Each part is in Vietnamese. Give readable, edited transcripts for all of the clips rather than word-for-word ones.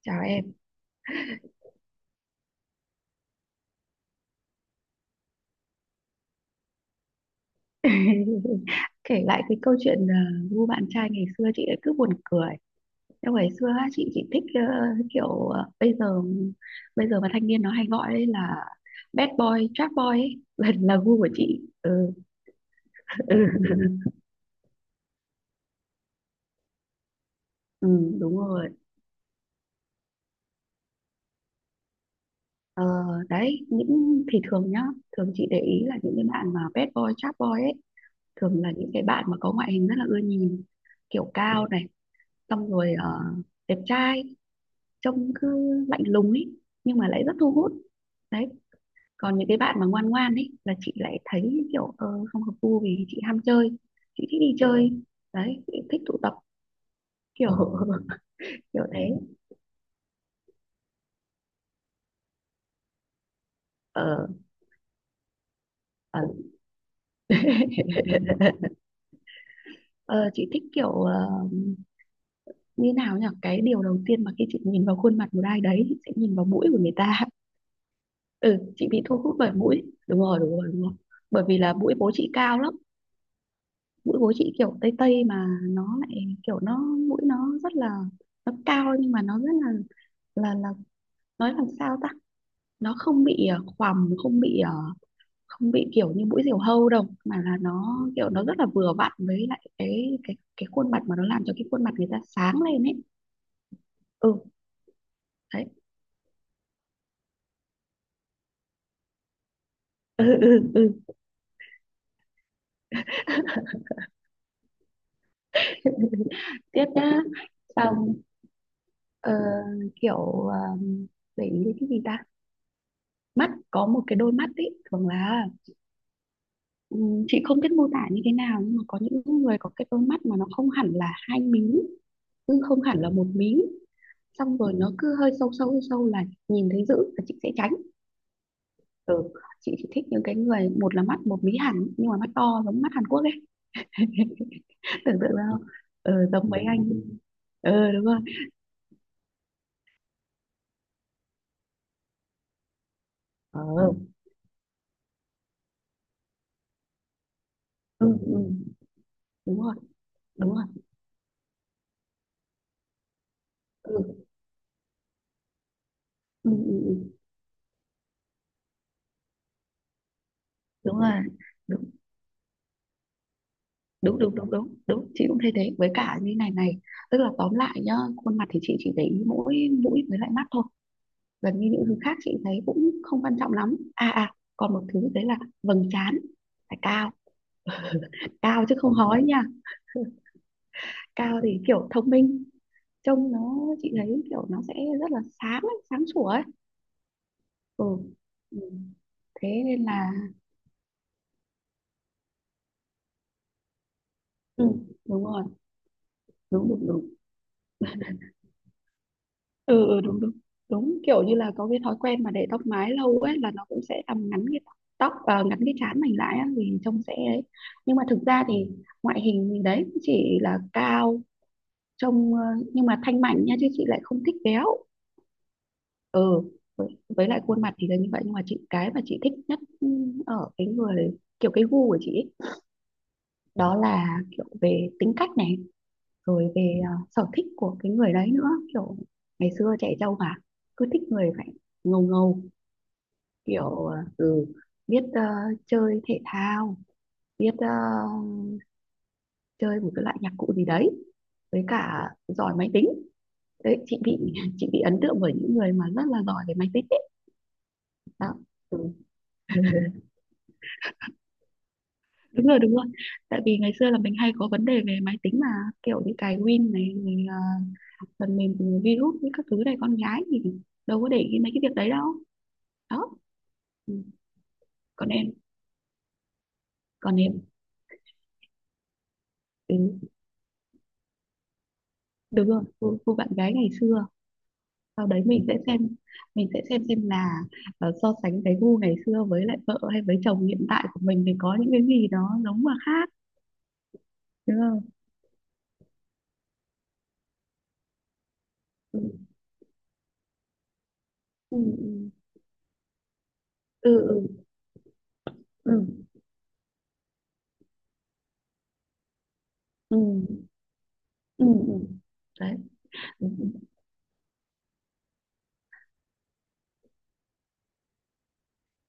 Chào em. Kể lại cái câu chuyện ngu bạn trai ngày xưa chị lại cứ buồn cười. Nhưng ngày xưa á, chị chỉ thích, kiểu, bây giờ mà thanh niên nó hay gọi đấy là bad boy trap boy ấy. Là gu của chị. Ừ, ừ, ừ đúng rồi. Ờ, đấy những thì thường nhá, thường chị để ý là những cái bạn mà bad boy trap boy ấy, thường là những cái bạn mà có ngoại hình rất là ưa nhìn, kiểu cao này, xong rồi đẹp trai, trông cứ lạnh lùng ấy, nhưng mà lại rất thu hút đấy. Còn những cái bạn mà ngoan ngoan ấy là chị lại thấy kiểu, không hợp gu, vì chị ham chơi, chị thích đi chơi đấy, chị thích tụ tập kiểu. Kiểu thế ờ ờ. Ờ, chị thích kiểu, như nào nhỉ, cái điều đầu tiên mà khi chị nhìn vào khuôn mặt một ai đấy chị sẽ nhìn vào mũi của người ta. Ừ, chị bị thu hút bởi mũi, đúng rồi đúng rồi đúng rồi. Bởi vì là mũi bố chị cao lắm, mũi của chị kiểu tây tây, mà nó lại kiểu nó, mũi nó rất là, nó cao nhưng mà nó rất là, nói làm sao ta, nó không bị khoằm, không bị kiểu như mũi diều hâu đâu, mà là nó kiểu nó rất là vừa vặn với lại cái khuôn mặt, mà nó làm cho cái khuôn mặt người ta sáng lên ấy. Ừ, đấy, ừ, ừ, ừ. Tiếp nhá, xong, ờ, kiểu, ờ, để ý đến cái gì ta, mắt, có một cái đôi mắt ấy thường là, ừ, chị không biết mô tả như thế nào nhưng mà có những người có cái đôi mắt mà nó không hẳn là hai mí, nhưng không hẳn là một mí, xong rồi nó cứ hơi sâu sâu sâu là nhìn thấy dữ là chị sẽ tránh. Ừ, chị chỉ thích những cái người một là mắt một mí hẳn nhưng mà mắt to giống mắt Hàn Quốc ấy. Tưởng tượng ra không, ừ, giống mấy anh, ừ đúng rồi, ừ, ừ, ừ, đúng rồi đúng rồi, ừ, ừ, ừ, ừ, đúng rồi, đúng đúng đúng đúng đúng, chị cũng thấy thế. Với cả như này này, tức là tóm lại nhá, khuôn mặt thì chị chỉ để ý mỗi mũi với lại mắt thôi, gần như những thứ khác chị thấy cũng không quan trọng lắm, còn một thứ đấy là vầng trán phải cao, cao chứ không hói nha. Cao thì kiểu thông minh, trông nó chị thấy kiểu nó sẽ rất là sáng ấy, sáng sủa ấy. Ừ, ừ, thế nên là, ừ, đúng rồi, đúng đúng đúng, ừ, ừ đúng đúng đúng, kiểu như là có cái thói quen mà để tóc mái lâu ấy, là nó cũng sẽ làm ngắn cái ngắn cái trán mình lại á, thì trông sẽ ấy. Nhưng mà thực ra thì ngoại hình thì đấy chỉ là cao, trông, nhưng mà thanh mảnh nha, chứ chị lại không thích béo. Ừ, với lại khuôn mặt thì là như vậy, nhưng mà chị, cái mà chị thích nhất, ừ, ở cái người, kiểu cái gu của chị ấy, đó là kiểu về tính cách này, rồi về, sở thích của cái người đấy nữa, kiểu ngày xưa trẻ trâu mà cứ thích người phải ngầu ngầu, kiểu, ừ, biết chơi thể thao, biết chơi một cái loại nhạc cụ gì đấy, với cả giỏi máy tính đấy. Chị bị, chị bị ấn tượng bởi những người mà rất là giỏi về máy tính đấy. Đó, ừ. Đúng rồi đúng rồi, tại vì ngày xưa là mình hay có vấn đề về máy tính mà, kiểu như cài Win này rồi, phần mềm, virus với các thứ này, con gái thì đâu có để ý mấy cái việc đấy đâu. Đó, ừ. Còn em, còn em, ừ, đúng rồi, gu bạn gái ngày xưa, sau đấy mình sẽ xem là, so sánh cái gu ngày xưa với lại vợ hay với chồng hiện tại của mình thì có những cái gì đó giống mà khác, đúng không. Ừ ừ ừ ừ ừ ừ ừ, ừ, ừ. Đấy, ừ, ừ.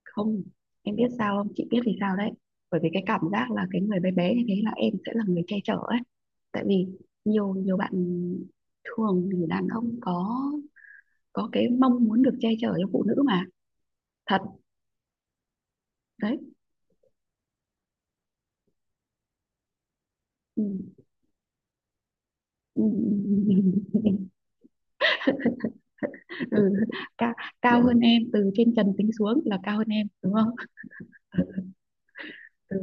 Không, em biết sao không, chị biết vì sao đấy, bởi vì cái cảm giác là cái người bé bé như thế là em sẽ là người che chở ấy, tại vì nhiều nhiều bạn, thường thì đàn ông có cái mong muốn được che chở cho phụ nữ mà. Thật, đấy, ừ. Ừ. Ừ. Ừ, Ca, cao hơn em, từ trên trần tính xuống là cao hơn em, đúng không. Ừ.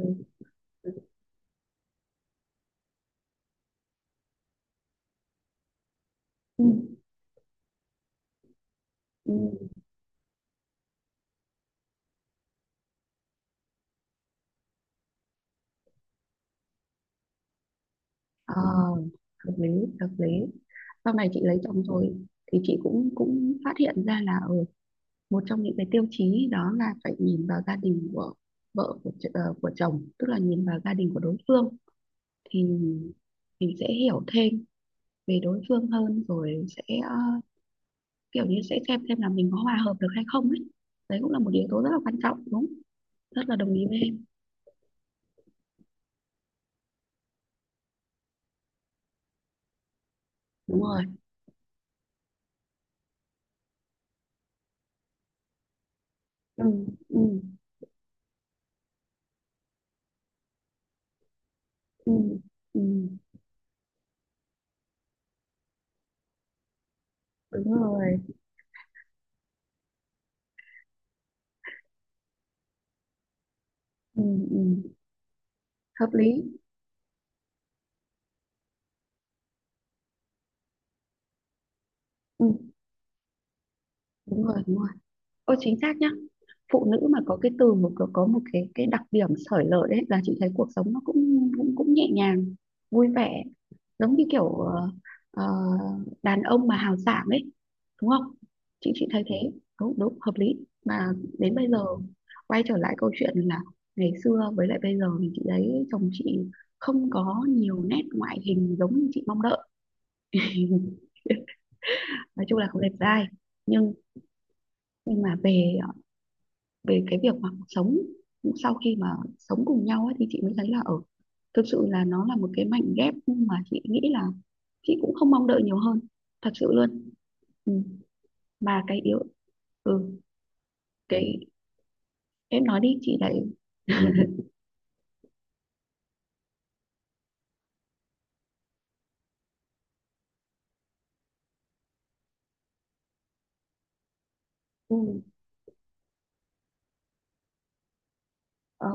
Ừ. Ừ. Ờ, hợp lý, hợp lý. Sau này chị lấy chồng rồi thì chị cũng cũng phát hiện ra là, ừ, một trong những cái tiêu chí đó là phải nhìn vào gia đình của vợ của, ch- ờ, của chồng, tức là nhìn vào gia đình của đối phương thì mình sẽ hiểu thêm về đối phương hơn, rồi sẽ ờ, kiểu như sẽ xem là mình có hòa hợp được hay không ấy. Đấy cũng là một yếu tố rất là quan trọng, đúng, rất là đồng ý với em, đúng rồi, ừ ừ ừ ừ, đúng rồi, ừ ừ hợp lý, ừ đúng rồi đúng rồi, ôi chính xác nhá. Phụ nữ mà có cái từ một có một cái đặc điểm xởi lởi đấy, là chị thấy cuộc sống nó cũng cũng cũng nhẹ nhàng, vui vẻ, giống như kiểu, ờ, đàn ông mà hào sảng ấy, đúng không, chị thấy thế, đúng đúng hợp lý mà. Đến bây giờ, quay trở lại câu chuyện là ngày xưa với lại bây giờ, thì chị thấy chồng chị không có nhiều nét ngoại hình giống như chị mong đợi. Nói chung là không đẹp trai, nhưng nhưng mà về về cái việc mà sống, sau khi mà sống cùng nhau ấy, thì chị mới thấy là thực sự là nó là một cái mảnh ghép mà chị nghĩ là chị cũng không mong đợi nhiều hơn, thật sự luôn, ừ. Mà cái yếu, ừ, cái em nói đi chị lại, ừ. Ờ,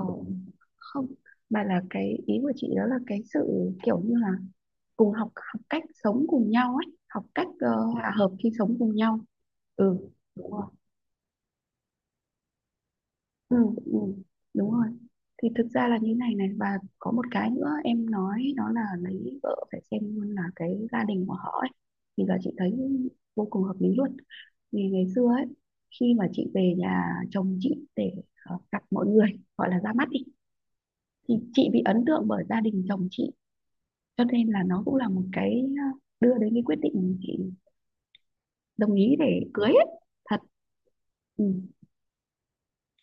không mà là cái ý của chị đó là cái sự kiểu như là cùng học học cách sống cùng nhau ấy, học cách hòa hợp khi sống cùng nhau, ừ đúng rồi, ừ, ừ, đúng rồi. Thì thực ra là như này này, và có một cái nữa em nói đó là lấy vợ phải xem luôn là cái gia đình của họ ấy. Thì giờ chị thấy vô cùng hợp lý luôn. Vì ngày xưa ấy, khi mà chị về nhà chồng chị để gặp mọi người, gọi là ra mắt đi, thì chị bị ấn tượng bởi gia đình chồng chị, cho nên là nó cũng là một cái, đưa đến cái quyết định chị đồng ý để cưới ấy. Thật. Ừ.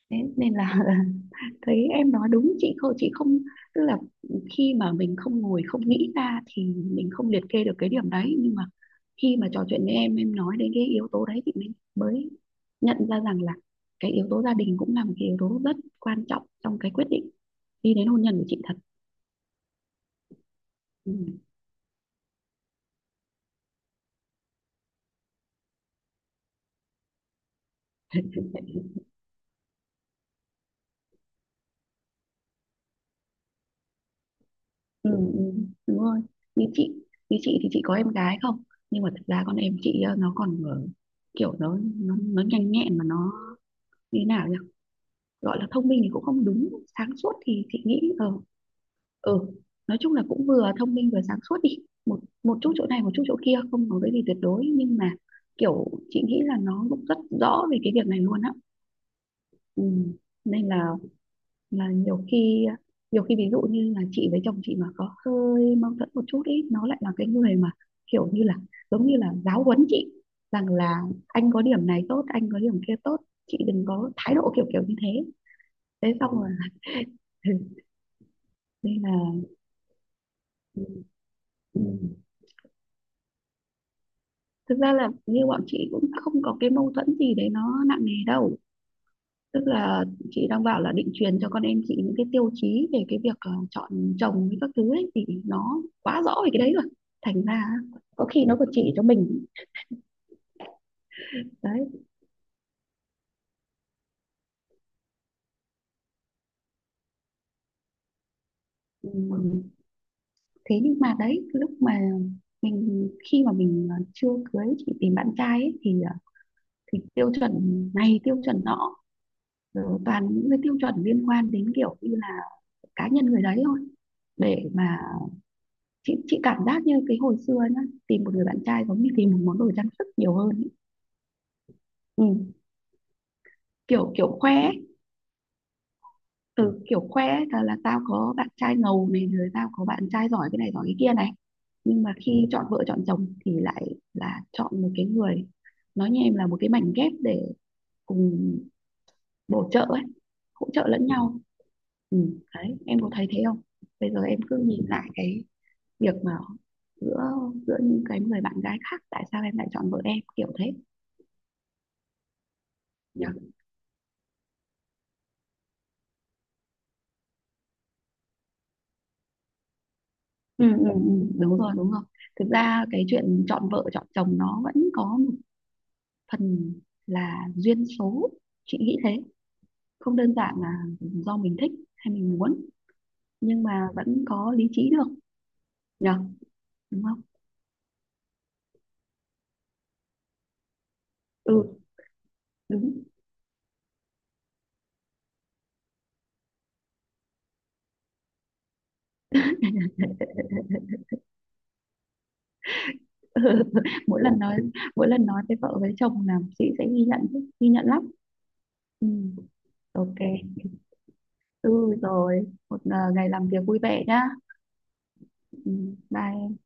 Thế nên là, thấy em nói đúng, chị không chị không, tức là khi mà mình không ngồi không nghĩ ra thì mình không liệt kê được cái điểm đấy, nhưng mà khi mà trò chuyện với em nói đến cái yếu tố đấy thì mình mới nhận ra rằng là cái yếu tố gia đình cũng là một cái yếu tố rất quan trọng trong cái quyết định đi đến hôn nhân của chị, thật. Ừ. Ừ, ừ, đúng rồi. Như chị, như chị thì chị có em gái không, nhưng mà thật ra con em chị, nó còn, kiểu nó nhanh nhẹn mà nó như thế nào ấy. Gọi là thông minh thì cũng không đúng, sáng suốt thì chị nghĩ, ờ nói chung là cũng vừa thông minh vừa sáng suốt đi, một một chút chỗ này một chút chỗ kia, không có cái gì tuyệt đối, nhưng mà kiểu chị nghĩ là nó cũng rất rõ về cái việc này luôn á, ừ. Nên là, là nhiều khi nhiều khi ví dụ như là chị với chồng chị mà có hơi mâu thuẫn một chút ý, nó lại là cái người mà kiểu như là giáo huấn chị, rằng là anh có điểm này tốt, anh có điểm kia tốt, chị đừng có thái độ kiểu kiểu như thế, thế xong rồi. Nên là, ừ. Ừ. Thực ra là như bọn chị cũng không có cái mâu thuẫn gì đấy nó nặng nề đâu, tức là chị đang bảo là định truyền cho con em chị những cái tiêu chí về cái việc, chọn chồng với các thứ ấy thì nó quá rõ về cái đấy rồi, thành ra có khi nó còn chỉ cho mình. Đấy, ừ. Thế nhưng mà đấy lúc mà mình khi mà mình, chưa cưới, chị tìm bạn trai ấy, thì tiêu chuẩn này, tiêu chuẩn nọ, rồi toàn những cái tiêu chuẩn liên quan đến kiểu như là cá nhân người đấy thôi, để mà chị cảm giác như cái hồi xưa nhá, tìm một người bạn trai giống như tìm một món đồ trang sức nhiều hơn ấy. Ừ. kiểu kiểu khoe ấy, từ kiểu khoe ấy, là tao có bạn trai ngầu này, rồi tao có bạn trai giỏi cái này giỏi cái kia này, nhưng mà khi chọn vợ chọn chồng thì lại là chọn một cái người, nói như em là một cái mảnh ghép để cùng bổ trợ ấy, hỗ trợ lẫn nhau, ừ. Đấy em có thấy thế không, bây giờ em cứ nhìn lại cái việc mà giữa, giữa những cái người bạn gái khác, tại sao em lại chọn vợ em kiểu thế, nhỉ. Ừ, ừ, ừ, đúng rồi đúng rồi, thực ra cái chuyện chọn vợ chọn chồng nó vẫn có một phần là duyên số, chị nghĩ thế, không đơn giản là do mình thích hay mình muốn, nhưng mà vẫn có lý trí được, nhở, đúng không. Ừ đúng. Ừ, mỗi lần nói mỗi lần nói với vợ với chồng là chị sẽ ghi nhận chứ, ghi nhận lắm, ừ, ok, ừ rồi một, ngày làm việc vui vẻ nhá, ừ, bye.